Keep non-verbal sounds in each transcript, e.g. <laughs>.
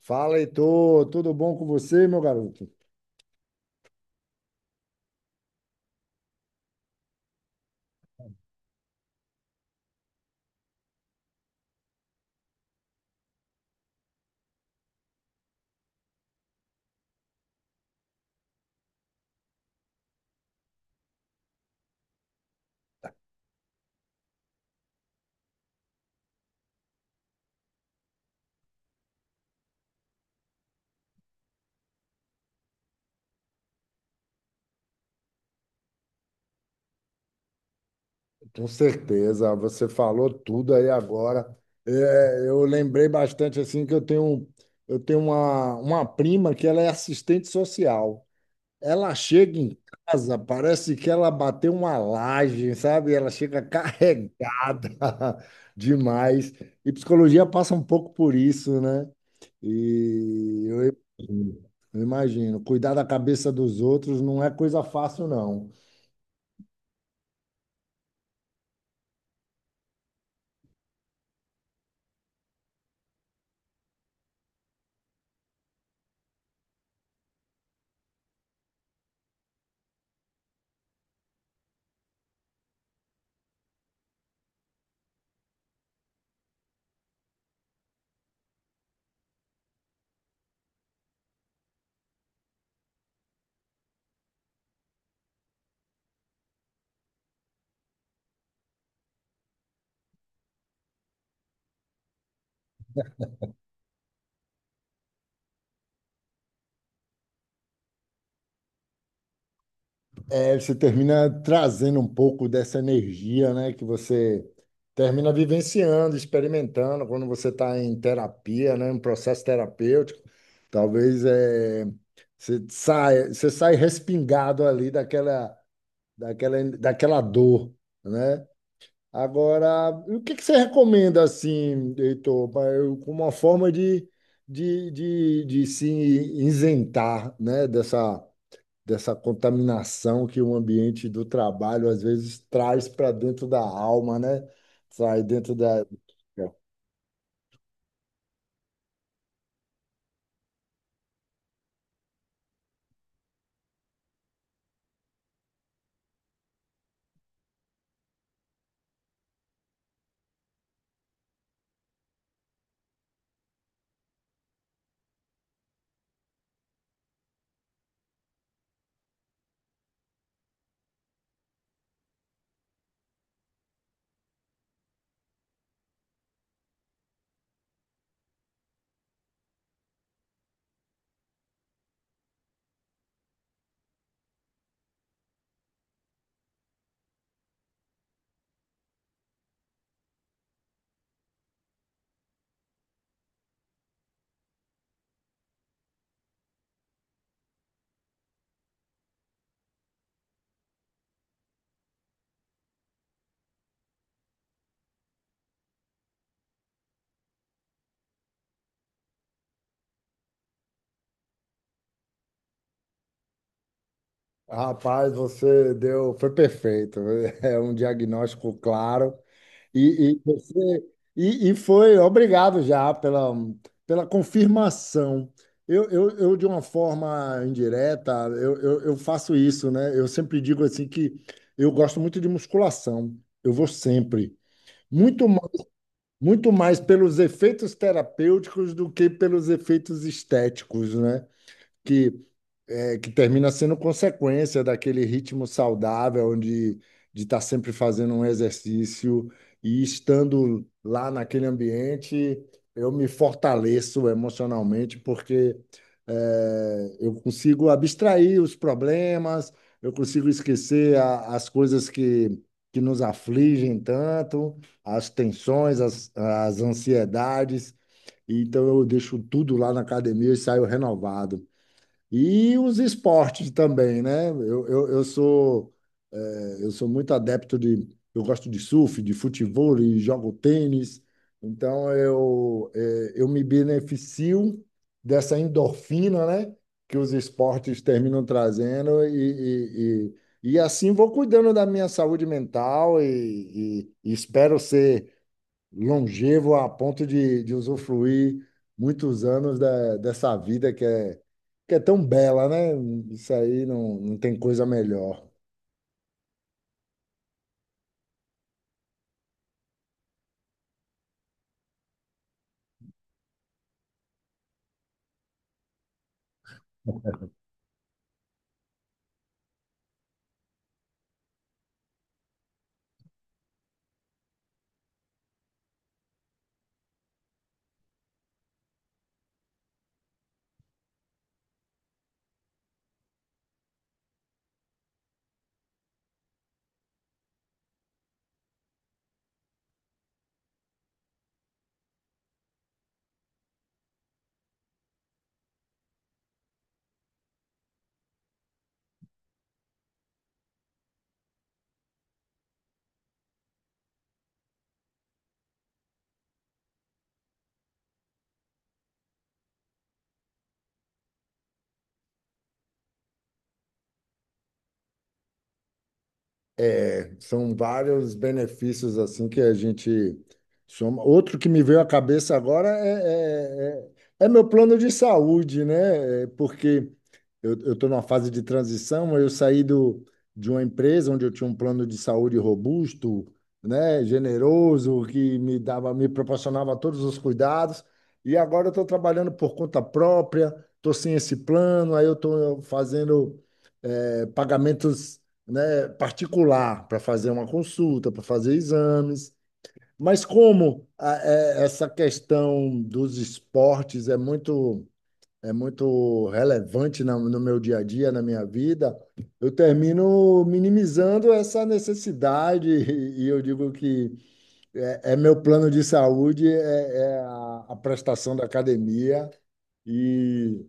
Fala, Heitor, tudo bom com você, meu garoto? Com certeza, você falou tudo aí agora. É, eu lembrei bastante assim que eu tenho uma prima que ela é assistente social. Ela chega em casa, parece que ela bateu uma laje, sabe? Ela chega carregada <laughs> demais. E psicologia passa um pouco por isso, né? E eu imagino, cuidar da cabeça dos outros não é coisa fácil, não. É, você termina trazendo um pouco dessa energia, né? Que você termina vivenciando, experimentando quando você está em terapia, né? Um processo terapêutico. Talvez é Você sai respingado ali daquela dor, né? Agora, o que que você recomenda, assim, Heitor, como uma forma de se isentar, né, dessa contaminação que o ambiente do trabalho, às vezes, traz para dentro da alma, né? Sai dentro da... Rapaz, você deu... Foi perfeito. <laughs> É um diagnóstico claro. E, e você e foi obrigado já pela confirmação. Eu, de uma forma indireta, eu faço isso, né? Eu sempre digo assim que eu gosto muito de musculação. Eu vou sempre. Muito, ma- Muito mais pelos efeitos terapêuticos do que pelos efeitos estéticos, né? É que termina sendo consequência daquele ritmo saudável onde de estar sempre fazendo um exercício e estando lá naquele ambiente, eu me fortaleço emocionalmente porque eu consigo abstrair os problemas, eu consigo esquecer as coisas que nos afligem tanto, as tensões, as ansiedades. Então eu deixo tudo lá na academia e saio renovado. E os esportes também, né? Eu sou muito adepto de. Eu gosto de surf, de futebol, e jogo tênis. Então, eu me beneficio dessa endorfina, né? Que os esportes terminam trazendo. E, e, e assim vou cuidando da minha saúde mental e, e espero ser longevo a ponto de usufruir muitos anos dessa vida que é tão bela, né? Isso aí não, não tem coisa melhor. É, são vários benefícios assim que a gente soma. Outro que me veio à cabeça agora é meu plano de saúde, né? É, porque eu estou numa fase de transição, de uma empresa onde eu tinha um plano de saúde robusto, né? Generoso, que me dava, me proporcionava todos os cuidados, e agora eu estou trabalhando por conta própria, estou sem esse plano, aí eu estou fazendo pagamentos, né, particular para fazer uma consulta, para fazer exames. Mas como essa questão dos esportes é muito relevante no meu dia a dia, na minha vida, eu termino minimizando essa necessidade <laughs> e, eu digo que é, meu plano de saúde é a prestação da academia e,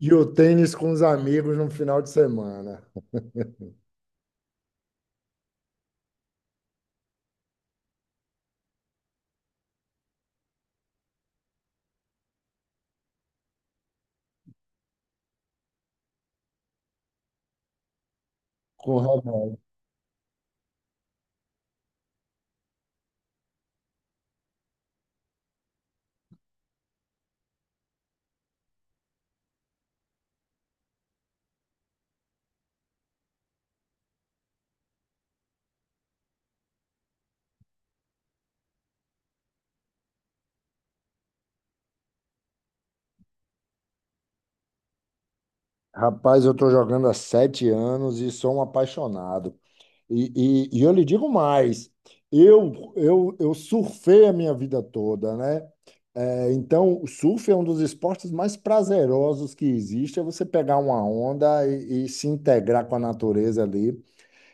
e o tênis com os amigos no final de semana, com o Rapaz, eu estou jogando há 7 anos e sou um apaixonado. E eu lhe digo mais, eu surfei a minha vida toda, né? É, então, o surf é um dos esportes mais prazerosos que existe, é você pegar uma onda e se integrar com a natureza ali.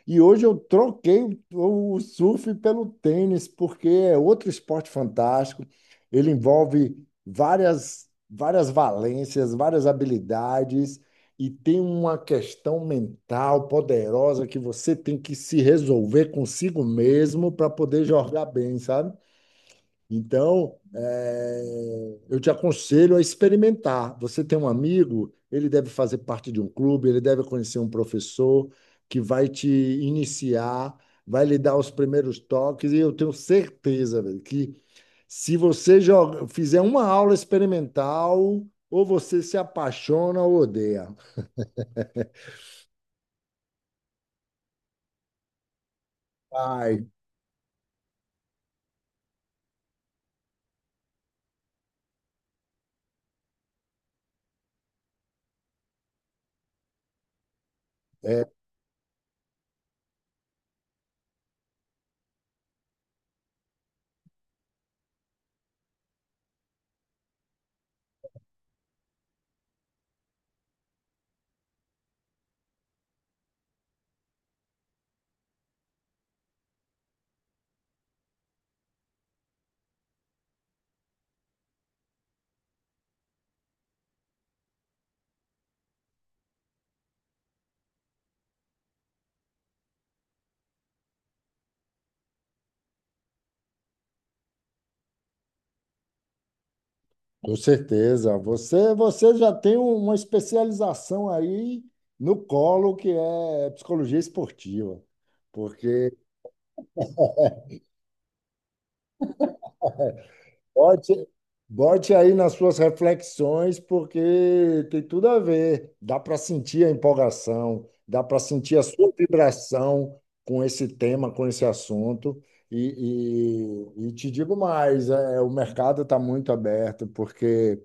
E hoje eu troquei o surf pelo tênis, porque é outro esporte fantástico. Ele envolve várias valências, várias habilidades, e tem uma questão mental poderosa que você tem que se resolver consigo mesmo para poder jogar bem, sabe? Então, eu te aconselho a experimentar. Você tem um amigo, ele deve fazer parte de um clube, ele deve conhecer um professor que vai te iniciar, vai lhe dar os primeiros toques, e eu tenho certeza, velho, que se você joga, fizer uma aula experimental, ou você se apaixona ou odeia. Ai, é. Com certeza. Você já tem uma especialização aí no colo, que é psicologia esportiva. Porque bote, bote aí nas suas reflexões, porque tem tudo a ver. Dá para sentir a empolgação, dá para sentir a sua vibração com esse tema, com esse assunto. E te digo mais, é, o mercado está muito aberto, porque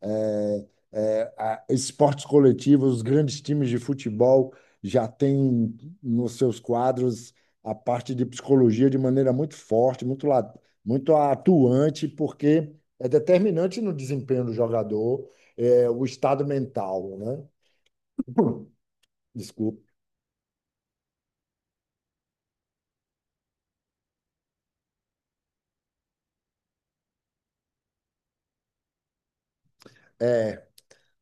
é, esportes coletivos, os grandes times de futebol já têm nos seus quadros a parte de psicologia de maneira muito forte, muito atuante, porque é determinante no desempenho do jogador, é, o estado mental, né? <coughs> <clears throat> Desculpa. É,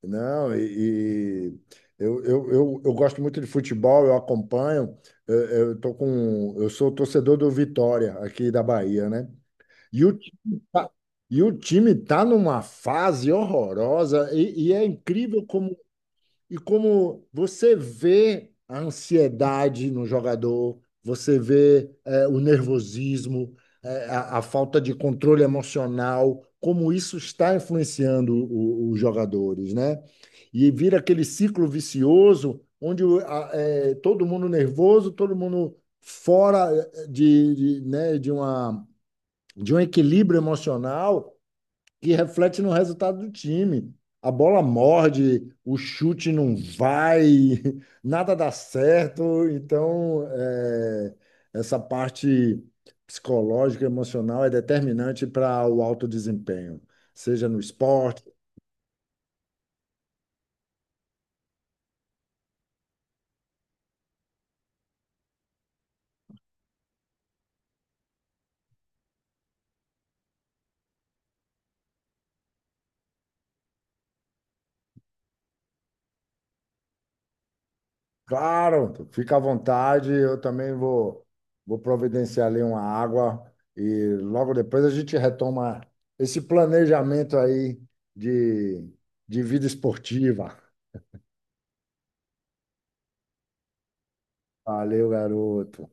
não, eu gosto muito de futebol, eu acompanho, eu, eu tô com, eu sou torcedor do Vitória aqui da Bahia, né? E o time tá, e o time tá numa fase horrorosa e é incrível como como você vê a ansiedade no jogador, você vê o nervosismo, a falta de controle emocional, como isso está influenciando os jogadores, né? E vira aquele ciclo vicioso onde todo mundo nervoso, todo mundo fora de uma de um equilíbrio emocional que reflete no resultado do time. A bola morde, o chute não vai, <laughs> nada dá certo. Então, é, essa parte psicológica, emocional é determinante para o alto desempenho, seja no esporte, claro, fica à vontade. Eu também vou providenciar ali uma água e logo depois a gente retoma esse planejamento aí de, de vida esportiva. Valeu, garoto.